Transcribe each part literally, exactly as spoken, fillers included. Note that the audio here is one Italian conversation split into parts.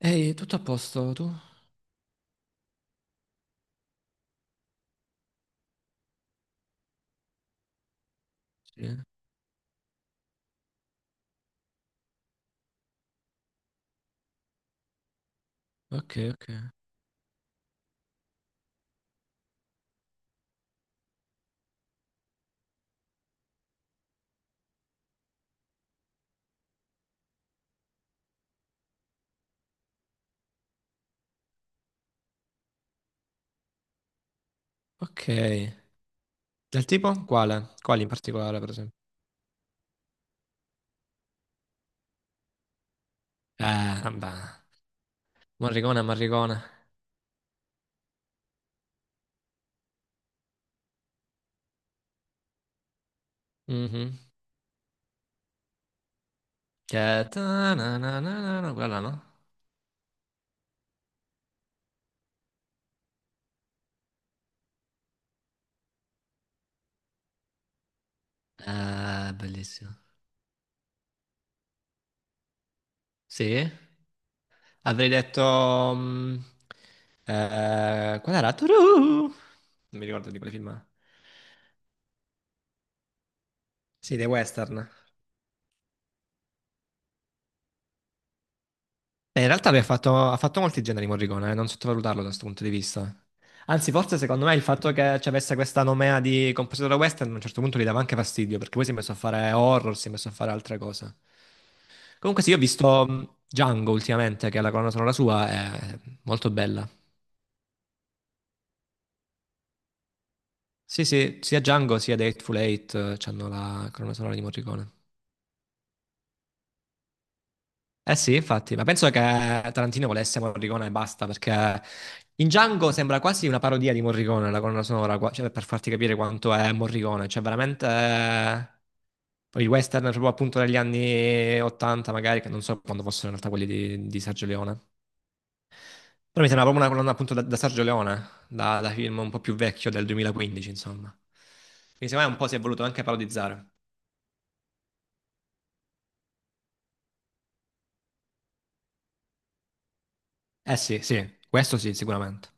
Ehi, tutto a posto, tu? Sì. Ok, ok. Ok. Del tipo? Quale? Quali in particolare, per esempio? Ah, vabbè. Morricone, Morricone. Mhm. Che ta na na na na na, quella no? Ah, bellissimo. Sì? Avrei detto... mm, eh, qual era? Turu! Non mi ricordo di quale film è. Sì, dei western. Eh, in realtà lui ha fatto, ha fatto molti generi Morricone, eh, non sottovalutarlo da questo punto di vista. Anzi, forse secondo me il fatto che ci avesse questa nomea di compositore western a un certo punto gli dava anche fastidio, perché poi si è messo a fare horror, si è messo a fare altre cose. Comunque sì, io ho visto mh, Django ultimamente, che è la colonna sonora sua, è molto bella. Sì, sì, sia Django sia The Hateful Eight eh, hanno la colonna sonora di Morricone. Eh sì, infatti, ma penso che Tarantino volesse Morricone e basta, perché in Django sembra quasi una parodia di Morricone, la colonna sonora, qua- cioè, per farti capire quanto è Morricone, cioè veramente eh, Poi i western proprio appunto degli anni ottanta magari, che non so quando fossero in realtà quelli di, di Sergio Leone. Però mi sembra proprio una colonna appunto da, da Sergio Leone, da, da film un po' più vecchio del duemilaquindici, insomma. Quindi secondo me un po' si è voluto anche parodizzare. Eh sì, sì, questo sì, sicuramente.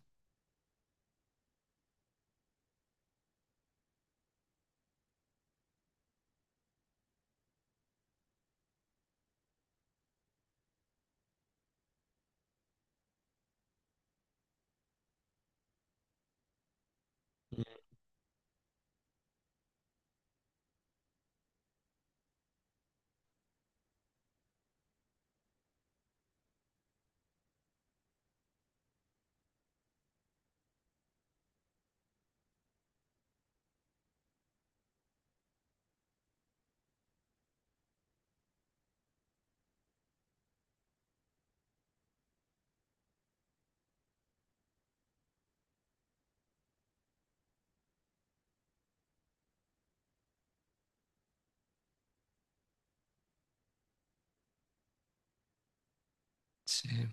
Sì.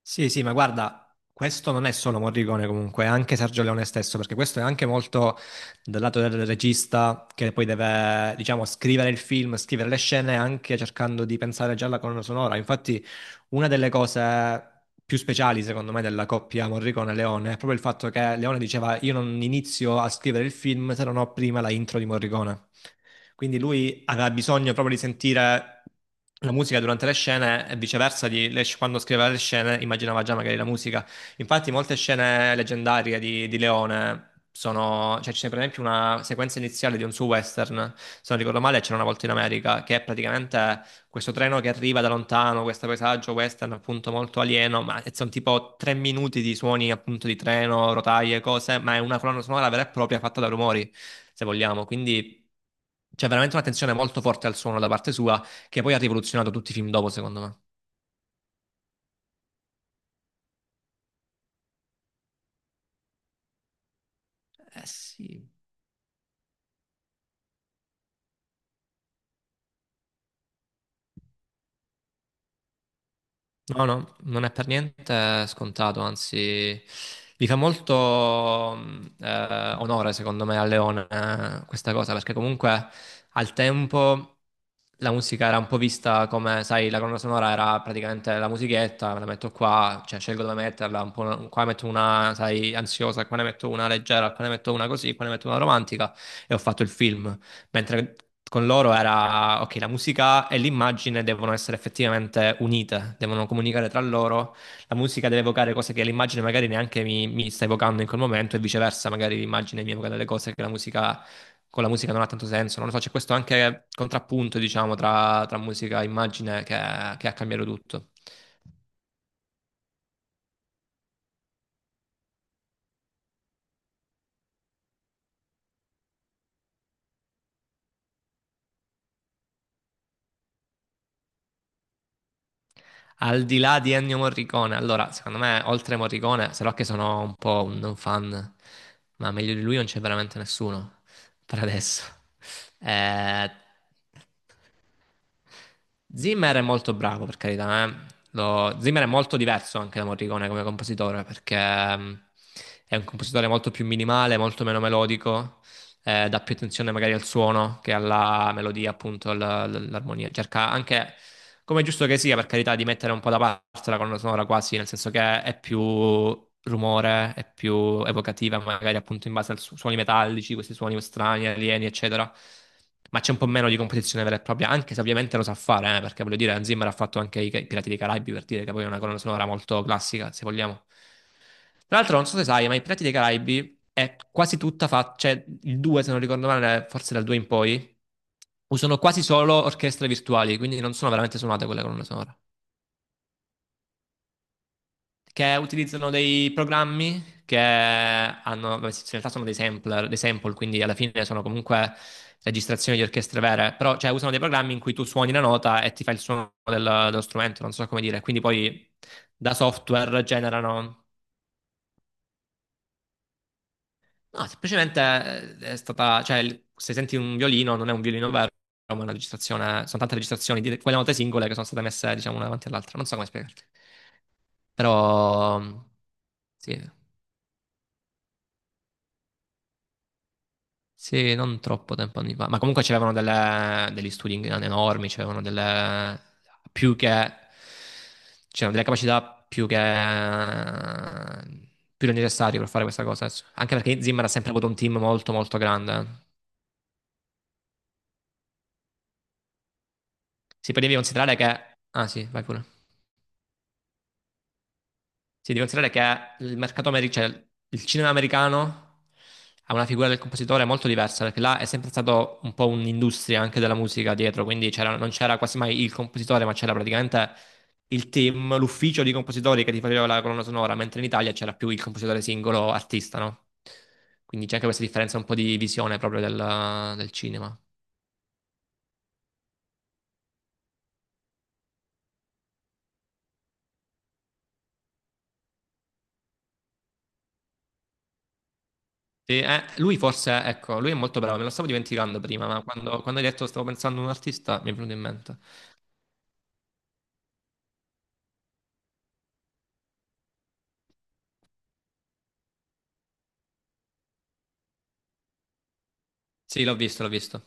Sì, sì, ma guarda, questo non è solo Morricone comunque, è anche Sergio Leone stesso, perché questo è anche molto dal lato del regista che poi deve, diciamo, scrivere il film, scrivere le scene, anche cercando di pensare già alla colonna sonora. Infatti, una delle cose più speciali, secondo me, della coppia Morricone-Leone è proprio il fatto che Leone diceva io non inizio a scrivere il film se non ho prima la intro di Morricone. Quindi lui aveva bisogno proprio di sentire la musica durante le scene e viceversa, di- le- quando scriveva le scene immaginava già magari la musica. Infatti molte scene leggendarie di, di Leone sono, cioè c'è per esempio una sequenza iniziale di un suo western, se non ricordo male, c'era una volta in America, che è praticamente questo treno che arriva da lontano, questo paesaggio western appunto molto alieno, ma sono tipo tre minuti di suoni appunto di treno, rotaie, cose, ma è una colonna sonora vera e propria fatta da rumori, se vogliamo, quindi c'è veramente un'attenzione molto forte al suono da parte sua che poi ha rivoluzionato tutti i film dopo, secondo me. Eh sì. No, no, non è per niente scontato, anzi, gli fa molto mh, eh, onore, secondo me, a Leone eh, questa cosa, perché comunque al tempo la musica era un po' vista come, sai, la colonna sonora era praticamente la musichetta, me la metto qua, cioè scelgo dove metterla, un po', qua ne metto una, sai, ansiosa, qua ne metto una leggera, qua ne metto una così, qua ne metto una romantica e ho fatto il film mentre con loro era, ok, la musica e l'immagine devono essere effettivamente unite, devono comunicare tra loro, la musica deve evocare cose che l'immagine magari neanche mi, mi sta evocando in quel momento e viceversa, magari l'immagine mi evoca delle cose che la musica, con la musica non ha tanto senso, non lo so, c'è questo anche contrappunto, diciamo, tra, tra musica e immagine che, che ha cambiato tutto. Al di là di Ennio Morricone, allora, secondo me, oltre Morricone, se no che sono un po' un fan, ma meglio di lui non c'è veramente nessuno per adesso. Eh, Zimmer è molto bravo, per carità, eh. Lo- Zimmer è molto diverso anche da Morricone come compositore, perché mm, è un compositore molto più minimale, molto meno melodico, eh, dà più attenzione magari al suono che alla melodia, appunto, all'armonia. Cerca anche, come è giusto che sia, per carità, di mettere un po' da parte la colonna sonora quasi, nel senso che è più rumore, è più evocativa, magari appunto in base ai su- suoni metallici, questi suoni strani, alieni, eccetera. Ma c'è un po' meno di composizione vera e propria, anche se ovviamente lo sa fare, eh, perché voglio dire, Hans Zimmer ha fatto anche i Pirati dei Caraibi, per dire che poi è una colonna sonora molto classica, se vogliamo. Tra l'altro, non so se sai, ma i Pirati dei Caraibi è quasi tutta fatta, cioè il due, se non ricordo male, forse dal due in poi, usano quasi solo orchestre virtuali, quindi non sono veramente suonate quelle colonne sonore. Che utilizzano dei programmi che hanno, vabbè, sì, in realtà sono dei sampler, dei sample, quindi alla fine sono comunque registrazioni di orchestre vere, però cioè, usano dei programmi in cui tu suoni la nota e ti fa il suono del- dello strumento, non so come dire, quindi poi da software generano. No, semplicemente eh, è stata, cioè, il- se senti un violino non è un violino vero, ma è una registrazione, sono tante registrazioni di quelle note singole che sono state messe, diciamo, una davanti all'altra. Non so come spiegarti. Però, sì, sì, non troppo tempo anni fa. Ma comunque c'erano delle- degli studi in- enormi, c'erano delle, più che, c'erano delle capacità più che, più che necessarie per fare questa cosa. Anche perché Zimmer ha sempre avuto un team molto, molto grande. Sì, poi devi considerare che... Ah sì, vai pure. Sì, devi considerare che il mercato americano, cioè il cinema americano ha una figura del compositore molto diversa, perché là è sempre stato un po' un'industria anche della musica dietro, quindi c'era- non c'era quasi mai il compositore, ma c'era praticamente il team, l'ufficio di compositori che ti faceva la colonna sonora, mentre in Italia c'era più il compositore singolo artista, no? Quindi c'è anche questa differenza un po' di visione proprio del del cinema. Sì, eh, lui forse, ecco, lui è molto bravo, me lo stavo dimenticando prima, ma quando, quando hai detto stavo pensando a un artista mi è venuto in mente. Sì, l'ho visto, l'ho visto.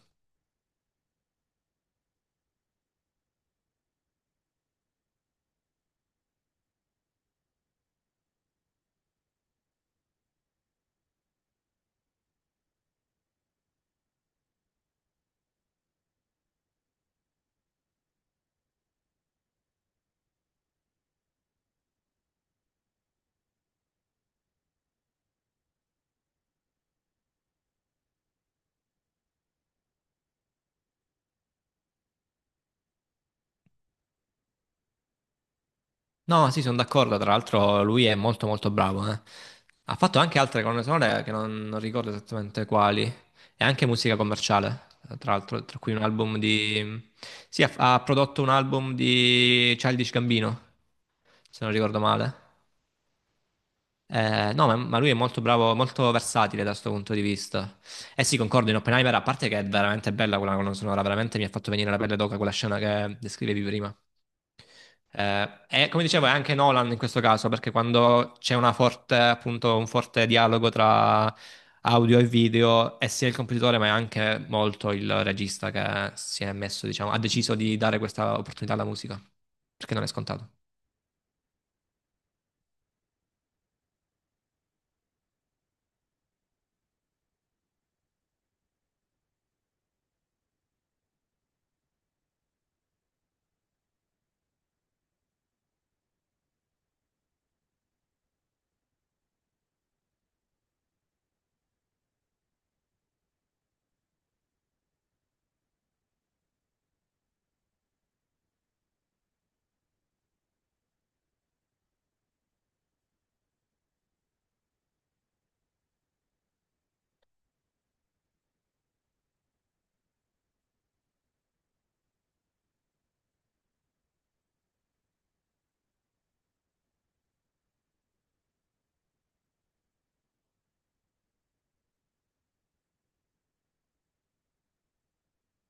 No, sì, sono d'accordo, tra l'altro lui è molto molto bravo, eh. Ha fatto anche altre colonne sonore che non, non ricordo esattamente quali, e anche musica commerciale, tra l'altro, tra cui un album di... Sì, ha, ha prodotto un album di Childish Gambino, se non ricordo male. Eh, no, ma, ma lui è molto bravo, molto versatile da questo punto di vista. Eh sì, concordo in Oppenheimer, a parte che è veramente bella quella colonna sonora, veramente mi ha fatto venire la pelle d'oca quella scena che descrivevi prima. Eh, e come dicevo, è anche Nolan in questo caso, perché quando c'è una forte, appunto, un forte dialogo tra audio e video, è sia il compositore, ma è anche molto il regista che si è messo, diciamo, ha deciso di dare questa opportunità alla musica, perché non è scontato.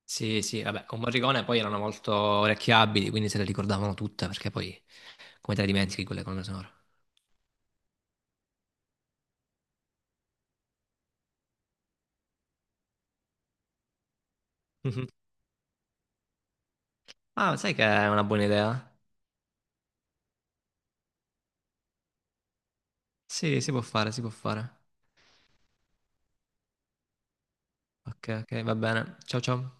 Sì, sì, vabbè, con Morricone poi erano molto orecchiabili, quindi se le ricordavano tutte, perché poi come te le dimentichi quelle colonne sonore? Mhm. Ah, sai che è una buona idea? Sì, si può fare, si può fare. Ok, ok, va bene. Ciao, ciao.